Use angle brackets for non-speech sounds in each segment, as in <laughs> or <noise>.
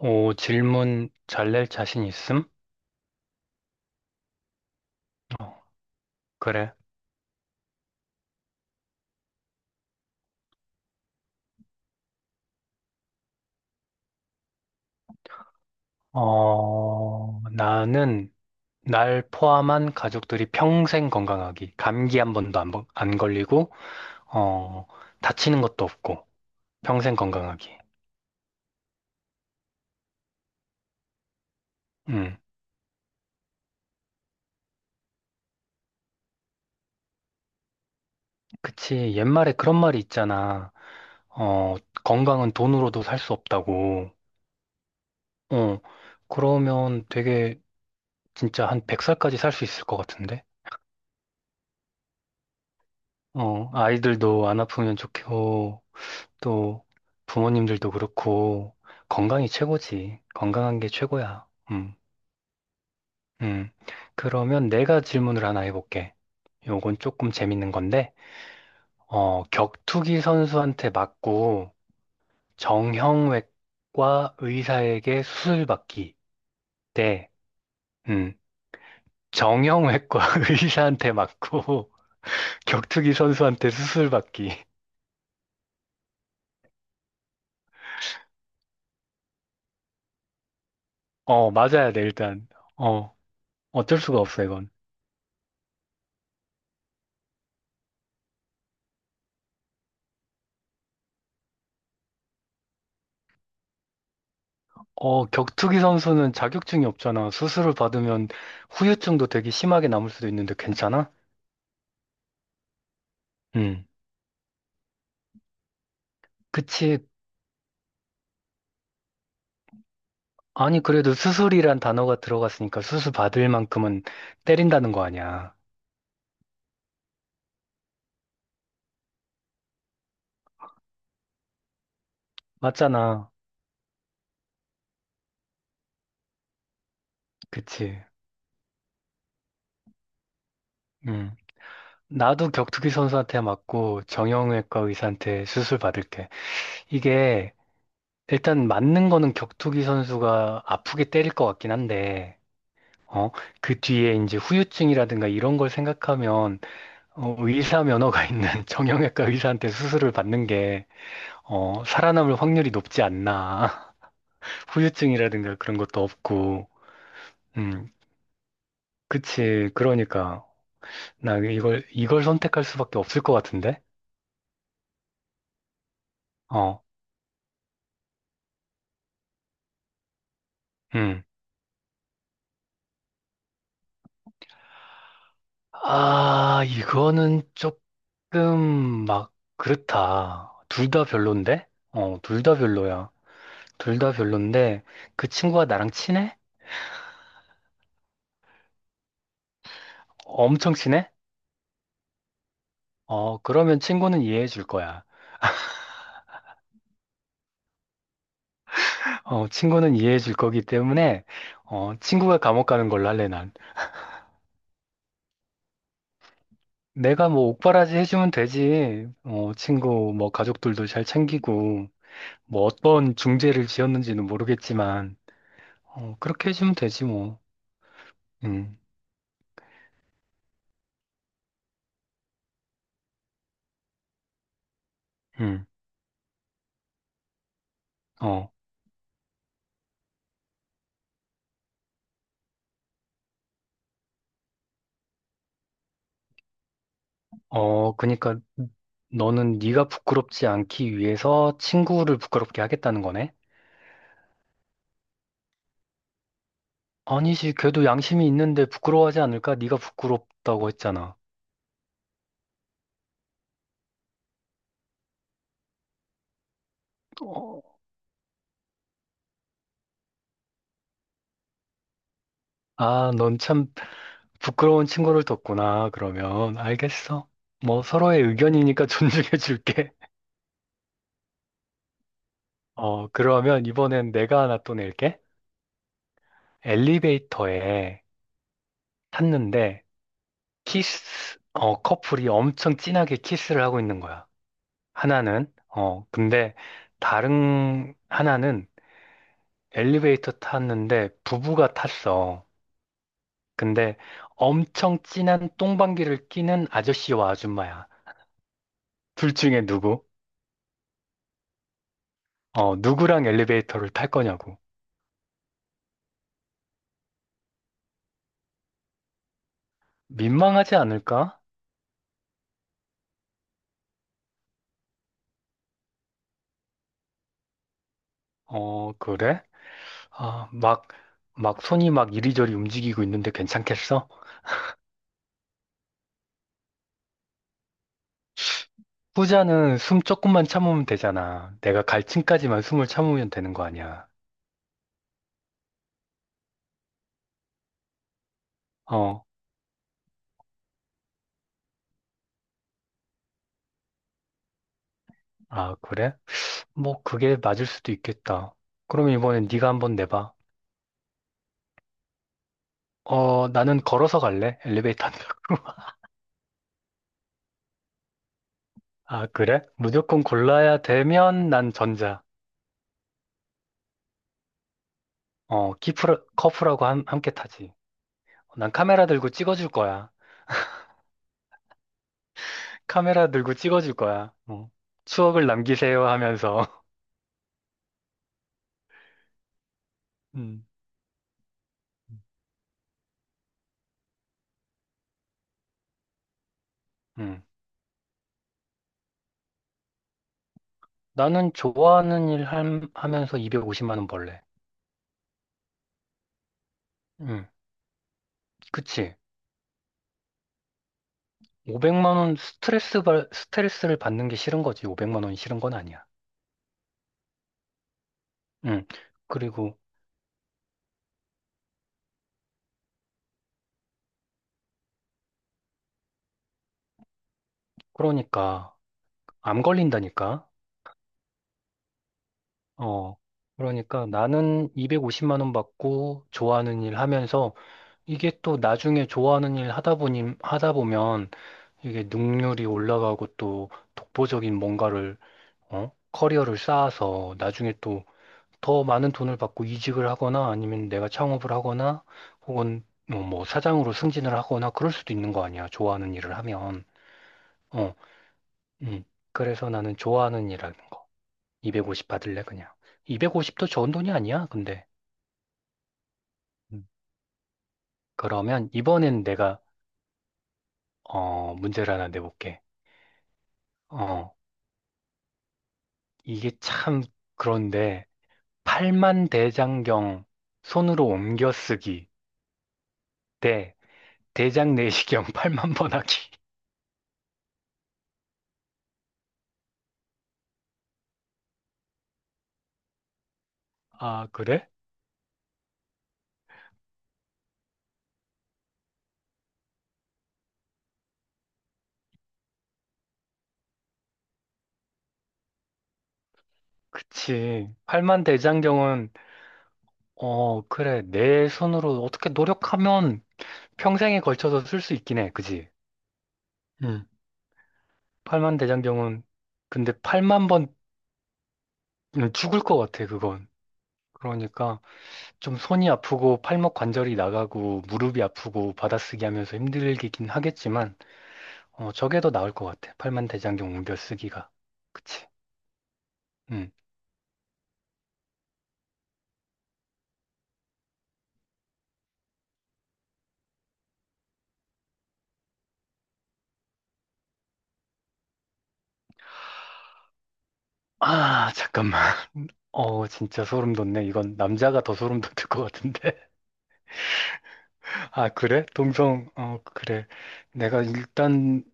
오, 질문 잘 낼 자신 있음? 어, 그래. 어, 나는 날 포함한 가족들이 평생 건강하기. 감기 한 번도 안 걸리고, 어, 다치는 것도 없고, 평생 건강하기. 음, 그치. 옛말에 그런 말이 있잖아. 어, 건강은 돈으로도 살 수 없다고. 어, 그러면 되게 진짜 한 100살까지 살 수 있을 것 같은데? 어, 아이들도 안 아프면 좋고, 또 부모님들도 그렇고 건강이 최고지. 건강한 게 최고야. 음. 그러면 내가 질문을 하나 해볼게. 요건 조금 재밌는 건데, 어, 격투기 선수한테 맞고 정형외과 의사에게 수술받기 대, 음, 정형외과 <laughs> 의사한테 맞고 <laughs> 격투기 선수한테 수술받기. 어, 맞아야 돼, 일단. 어, 어쩔 수가 없어, 이건. 어, 격투기 선수는 자격증이 없잖아. 수술을 받으면 후유증도 되게 심하게 남을 수도 있는데 괜찮아? 응. 그치. 아니, 그래도 수술이란 단어가 들어갔으니까 수술 받을 만큼은 때린다는 거 아니야. 맞잖아. 그치. 응. 나도 격투기 선수한테 맞고 정형외과 의사한테 수술 받을게. 이게 일단 맞는 거는 격투기 선수가 아프게 때릴 것 같긴 한데, 어, 그 뒤에 이제 후유증이라든가 이런 걸 생각하면 어, 의사 면허가 있는 <laughs> 정형외과 의사한테 수술을 받는 게, 어, 살아남을 확률이 높지 않나. <laughs> 후유증이라든가 그런 것도 없고, 음, 그치. 그러니까, 나 이걸 선택할 수밖에 없을 것 같은데? 어, 음. 아, 이거는 조금 막, 그렇다. 둘 다 별론데? 어, 둘 다 별로야. 둘 다 별론데, 그 친구가 나랑 친해? 엄청 친해? 어, 그러면 친구는 이해해 줄 거야. 어, 친구는 이해해 줄 거기 때문에, 어, 친구가 감옥 가는 걸로 할래, 난. 내가 뭐 옥바라지 해주면 되지. 어, 친구, 뭐 가족들도 잘 챙기고, 뭐 어떤 중죄를 지었는지는 모르겠지만, 어, 그렇게 해주면 되지, 뭐. 음, 음, 어, 그니까 너는 네가 부끄럽지 않기 위해서 친구를 부끄럽게 하겠다는 거네? 아니지, 걔도 양심이 있는데 부끄러워하지 않을까? 네가 부끄럽다고 했잖아. 어, 아, 넌참 부끄러운 친구를 뒀구나. 그러면 알겠어. 뭐 서로의 의견이니까 <laughs> 존중해 줄게. 어, 그러면 이번엔 내가 하나 또 낼게. 엘리베이터에 탔는데 커플이 엄청 진하게 키스를 하고 있는 거야. 하나는 근데 다른 하나는 엘리베이터 탔는데 부부가 탔어. 근데 엄청 진한 똥방귀를 끼는 아저씨와 아줌마야. 둘 중에 누구? 어, 누구랑 엘리베이터를 탈 거냐고. 민망하지 않을까? 어, 그래? 아, 막 손이 막 이리저리 움직이고 있는데 괜찮겠어? 후자는 숨 조금만 참으면 되잖아. 내가 갈 층까지만 숨을 참으면 되는 거 아니야. 어, 아, 그래? 뭐, 그게 맞을 수도 있겠다. 그럼 이번엔 네가 한번 내봐. 어, 나는 걸어서 갈래? 엘리베이터 안 타고. <laughs> 아, 그래? 무조건 골라야 되면 난 전자. 어, 커프라고 함께 타지. 난 카메라 들고 찍어줄 거야. 카메라 들고 찍어줄 거야. 어. 추억을 남기세요 하면서. <laughs> 음. 음. 나는 좋아하는 일 하면서 250만 원 벌래. 음. 그치. 500만 원 스트레스를 받는 게 싫은 거지. 500만 원이 싫은 건 아니야. 음. 그리고 그러니까 암 걸린다니까. 어. 그러니까 나는 250만 원 받고 좋아하는 일 하면서 이게 또 나중에 좋아하는 일 하다 보면 이게 능률이 올라가고 또 독보적인 뭔가를, 어? 커리어를 쌓아서 나중에 또 더 많은 돈을 받고 이직을 하거나 아니면 내가 창업을 하거나 혹은 어, 뭐 사장으로 승진을 하거나 그럴 수도 있는 거 아니야. 좋아하는 일을 하면. 어, 음. 그래서 나는 좋아하는 일하는 거. 250 받을래, 그냥. 250도 좋은 돈이 아니야, 근데. 음. 그러면 이번엔 내가, 어, 문제를 하나 내볼게. 어, 이게 참 그런데 팔만 대장경 손으로 옮겨 쓰기 대 대장 내시경 <laughs> 팔만번 하기. 아, 그래? 그치. 팔만 대장경은 어, 그래. 내 손으로 어떻게 노력하면 평생에 걸쳐서 쓸 수 있긴 해. 그지? 응. 팔만 대장경은 근데 팔만번 죽을 것 같아, 그건. 그러니까 좀 손이 아프고 팔목 관절이 나가고 무릎이 아프고 받아쓰기 하면서 힘들긴 하겠지만 어, 저게 더 나을 것 같아. 팔만대장경 웅변 쓰기가. 그치? 응. 아, 잠깐만. <laughs> 어, 진짜 소름 돋네. 이건 남자가 더 소름 돋을 것 같은데. <laughs> 아, 그래? 그래. 내가 일단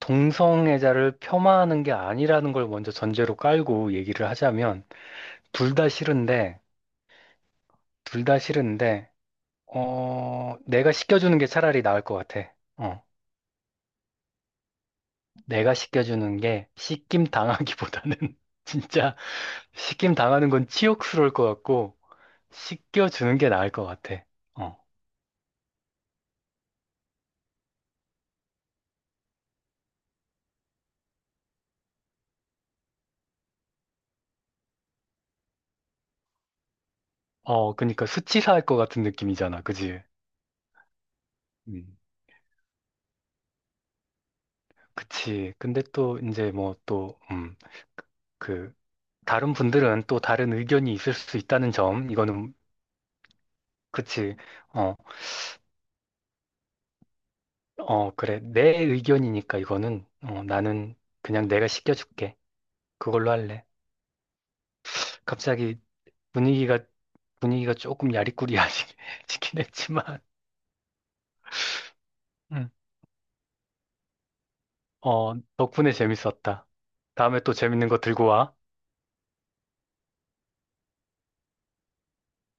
동성애자를 폄하하는 게 아니라는 걸 먼저 전제로 깔고 얘기를 하자면, 둘 다 싫은데, 둘 다 싫은데, 어, 내가 시켜주는 게 차라리 나을 것 같아. 어, 내가 시켜주는 게 시킴 당하기보다는 <laughs> 진짜 시킴 당하는 건 치욕스러울 것 같고, 씻겨주는 게 나을 것 같아. 어. 어, 그니까 수치사할 것 같은 느낌이잖아. 그지? 음. 그치. 근데 또 이제 뭐 또, 그, 다른 분들은 또 다른 의견이 있을 수 있다는 점, 이거는, 그치. 어, 어, 그래. 내 의견이니까 이거는, 나는 그냥 내가 시켜줄게. 그걸로 할래. 갑자기 분위기가, 분위기가 조금 야리꾸리하시긴 <laughs> 했지만, 어, 덕분에 재밌었다. 다음에 또 재밌는 거 들고 와.